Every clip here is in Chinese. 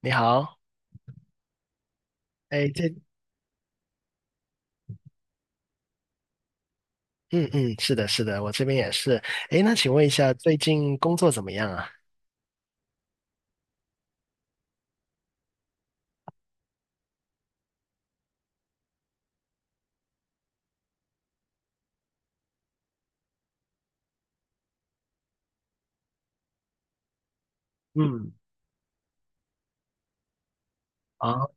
你好，哎，这，嗯嗯，是的，是的，我这边也是。哎，那请问一下，最近工作怎么样啊？嗯，啊。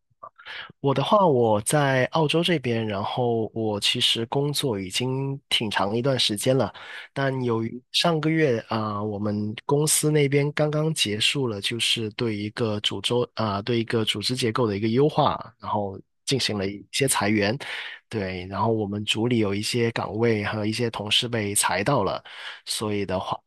我的话，我在澳洲这边，然后我其实工作已经挺长一段时间了，但由于上个月我们公司那边刚刚结束了，就是对一个组织啊、对一个组织结构的一个优化，然后进行了一些裁员，对，然后我们组里有一些岗位和一些同事被裁到了，所以的话。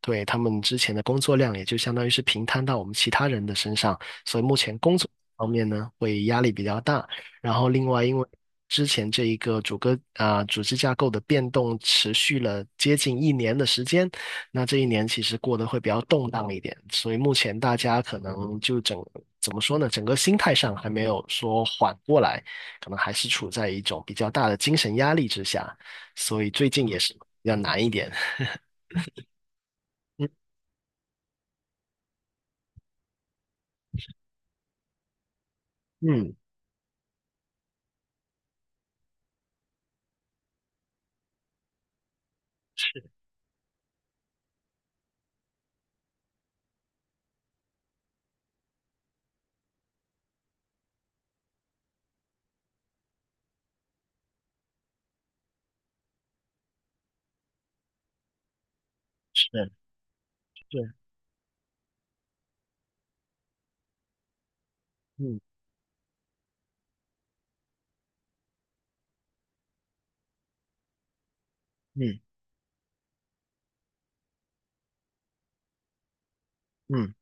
对，他们之前的工作量也就相当于是平摊到我们其他人的身上，所以目前工作方面呢会压力比较大。然后另外，因为之前这一个主歌组织架构的变动持续了接近一年的时间，那这一年其实过得会比较动荡一点，所以目前大家可能就怎么说呢，整个心态上还没有说缓过来，可能还是处在一种比较大的精神压力之下，所以最近也是比较难一点。嗯嗯，是是，嗯嗯嗯，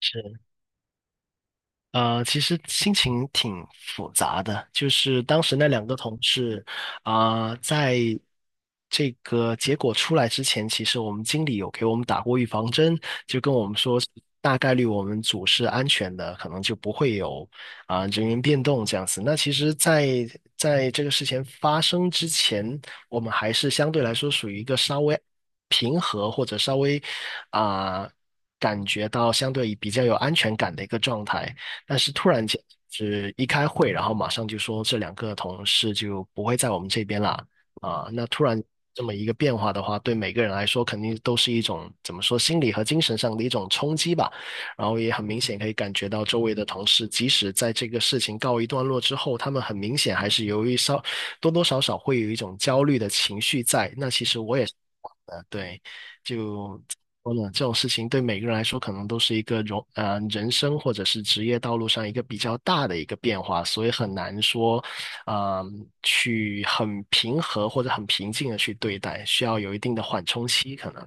是。呃，其实心情挺复杂的，就是当时那两个同事，在这个结果出来之前，其实我们经理有给我们打过预防针，就跟我们说，大概率我们组是安全的，可能就不会有人员变动这样子。那其实在这个事情发生之前，我们还是相对来说属于一个稍微平和或者稍微啊、感觉到相对比较有安全感的一个状态。但是突然间是一开会，然后马上就说这两个同事就不会在我们这边啦。啊，那突然这么一个变化的话，对每个人来说肯定都是一种怎么说，心理和精神上的一种冲击吧。然后也很明显可以感觉到周围的同事，即使在这个事情告一段落之后，他们很明显还是由于多多少少会有一种焦虑的情绪在。那其实我也是呃，对，就说呢，这种事情对每个人来说，可能都是一个人生或者是职业道路上一个比较大的一个变化，所以很难说，呃，去很平和或者很平静的去对待，需要有一定的缓冲期，可能。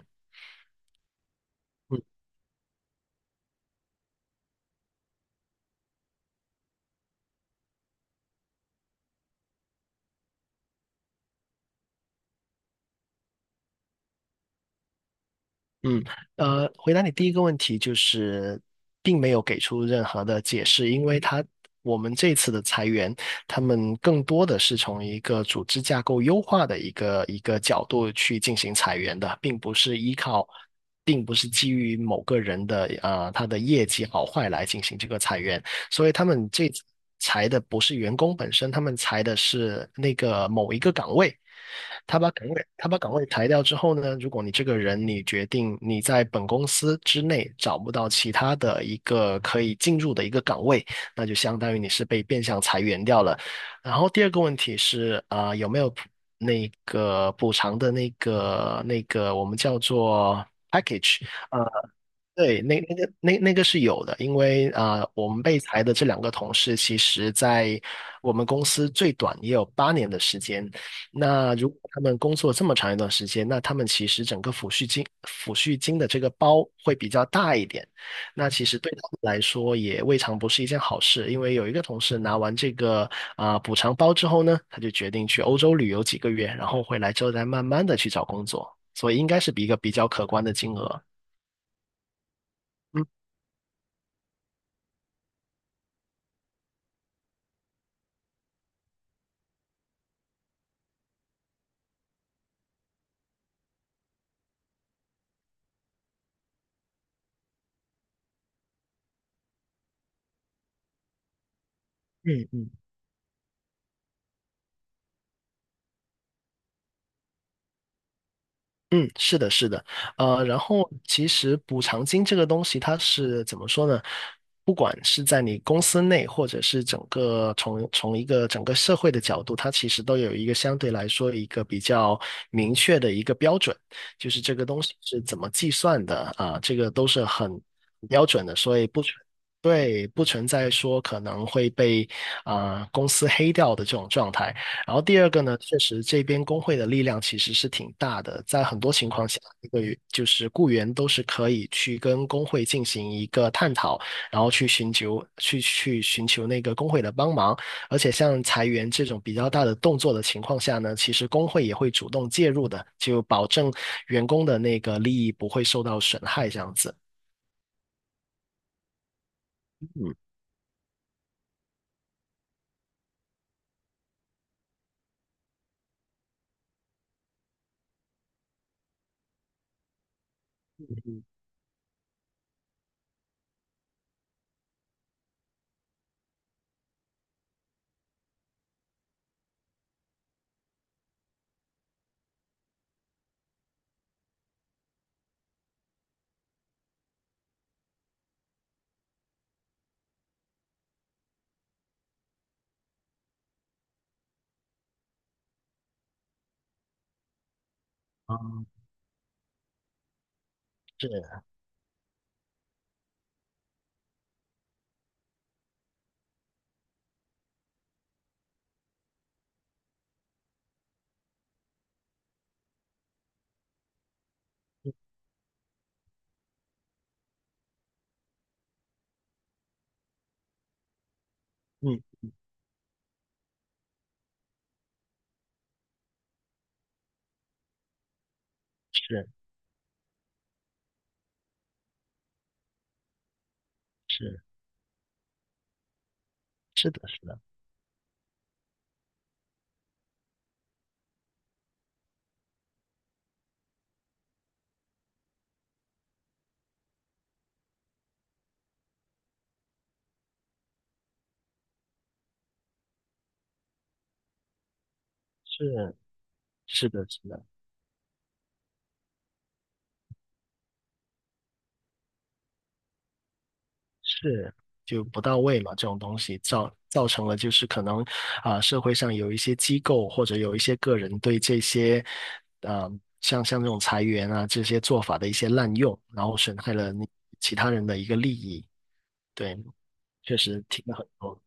嗯，回答你第一个问题就是，并没有给出任何的解释，因为我们这次的裁员，他们更多的是从一个组织架构优化的一个角度去进行裁员的，并不是基于某个人的他的业绩好坏来进行这个裁员，所以他们这次裁的不是员工本身，他们裁的是那个某一个岗位。他把岗位裁掉之后呢，如果你这个人你决定你在本公司之内找不到其他的一个可以进入的一个岗位，那就相当于你是被变相裁员掉了。然后第二个问题是有没有那个补偿的那个我们叫做 package?呃，对，那那个是有的，因为我们被裁的这两个同事，其实在我们公司最短也有8年的时间，那如果他们工作这么长一段时间，那他们其实整个抚恤金的这个包会比较大一点。那其实对他们来说也未尝不是一件好事，因为有一个同事拿完这个补偿包之后呢，他就决定去欧洲旅游几个月，然后回来之后再慢慢的去找工作，所以应该是比一个比较可观的金额。嗯嗯嗯。嗯，是的，是的，然后其实补偿金这个东西，它是怎么说呢？不管是在你公司内，或者是整个从一个整个社会的角度，它其实都有一个相对来说一个比较明确的一个标准，就是这个东西是怎么计算的啊，这个都是很标准的，所以不存对，不存在说可能会被公司黑掉的这种状态。然后第二个呢，确实这边工会的力量其实是挺大的，在很多情况下，就是雇员都是可以去跟工会进行一个探讨，然后去寻求那个工会的帮忙。而且像裁员这种比较大的动作的情况下呢，其实工会也会主动介入的，就保证员工的那个利益不会受到损害，这样子。嗯，啊，是，嗯，嗯是是是的，是的，是是的，是的。是，就不到位嘛，这种东西造成了就是可能社会上有一些机构或者有一些个人对这些呃像这种裁员啊这些做法的一些滥用，然后损害了你其他人的一个利益。对，确实听了很多。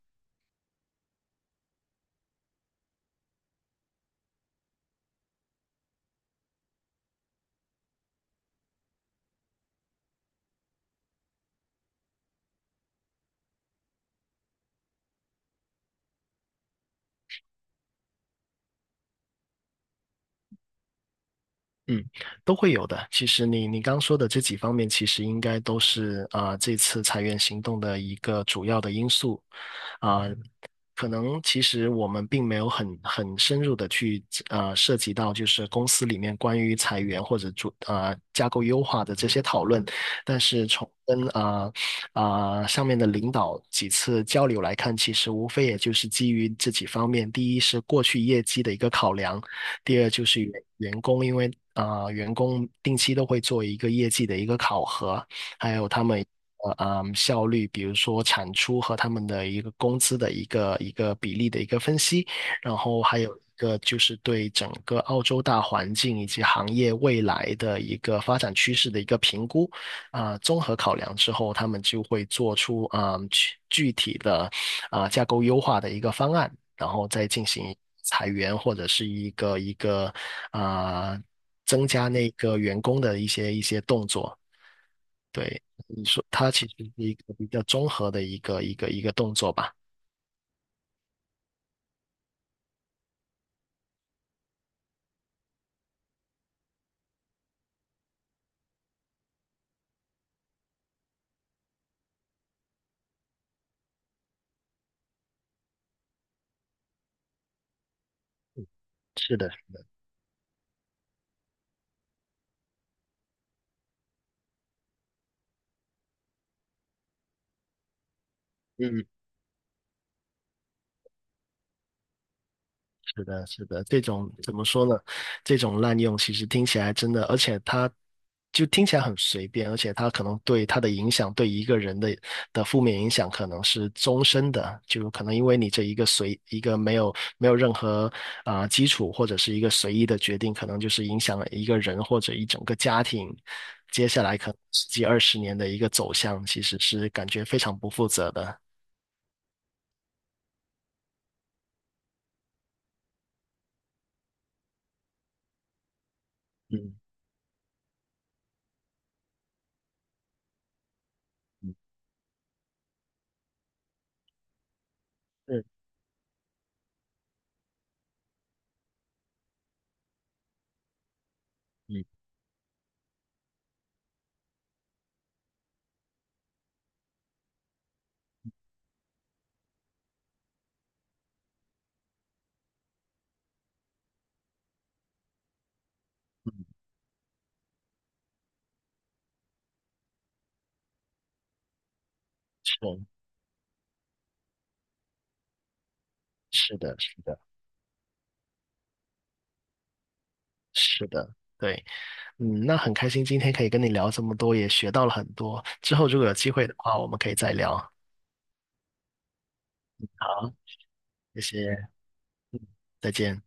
嗯，都会有的。其实你刚说的这几方面，其实应该都是这次裁员行动的一个主要的因素啊、可能其实我们并没有很深入的去涉及到就是公司里面关于裁员或者做架构优化的这些讨论，但是从跟上面的领导几次交流来看，其实无非也就是基于这几方面，第一是过去业绩的一个考量，第二就是员工因为员工定期都会做一个业绩的一个考核，还有他们效率，比如说产出和他们的一个工资的一个比例的一个分析，然后还有一个就是对整个澳洲大环境以及行业未来的一个发展趋势的一个评估啊，综合考量之后，他们就会做出具体的架构优化的一个方案，然后再进行。裁员或者是一个啊、增加那个员工的一些动作。对，你说它其实是一个比较综合的一个动作吧。是的，嗯，是的，是的，这种怎么说呢？这种滥用其实听起来真的，而且它就听起来很随便，而且它可能对它的影响，对一个人的负面影响可能是终身的，就可能因为你这一个一个没有任何基础或者是一个随意的决定，可能就是影响了一个人或者一整个家庭，接下来可能十几二十年的一个走向，其实是感觉非常不负责的。嗯嗯嗯嗯嗯，是是的，是的。是的，对，嗯，那很开心今天可以跟你聊这么多，也学到了很多。之后如果有机会的话，我们可以再聊。好，谢谢，再见。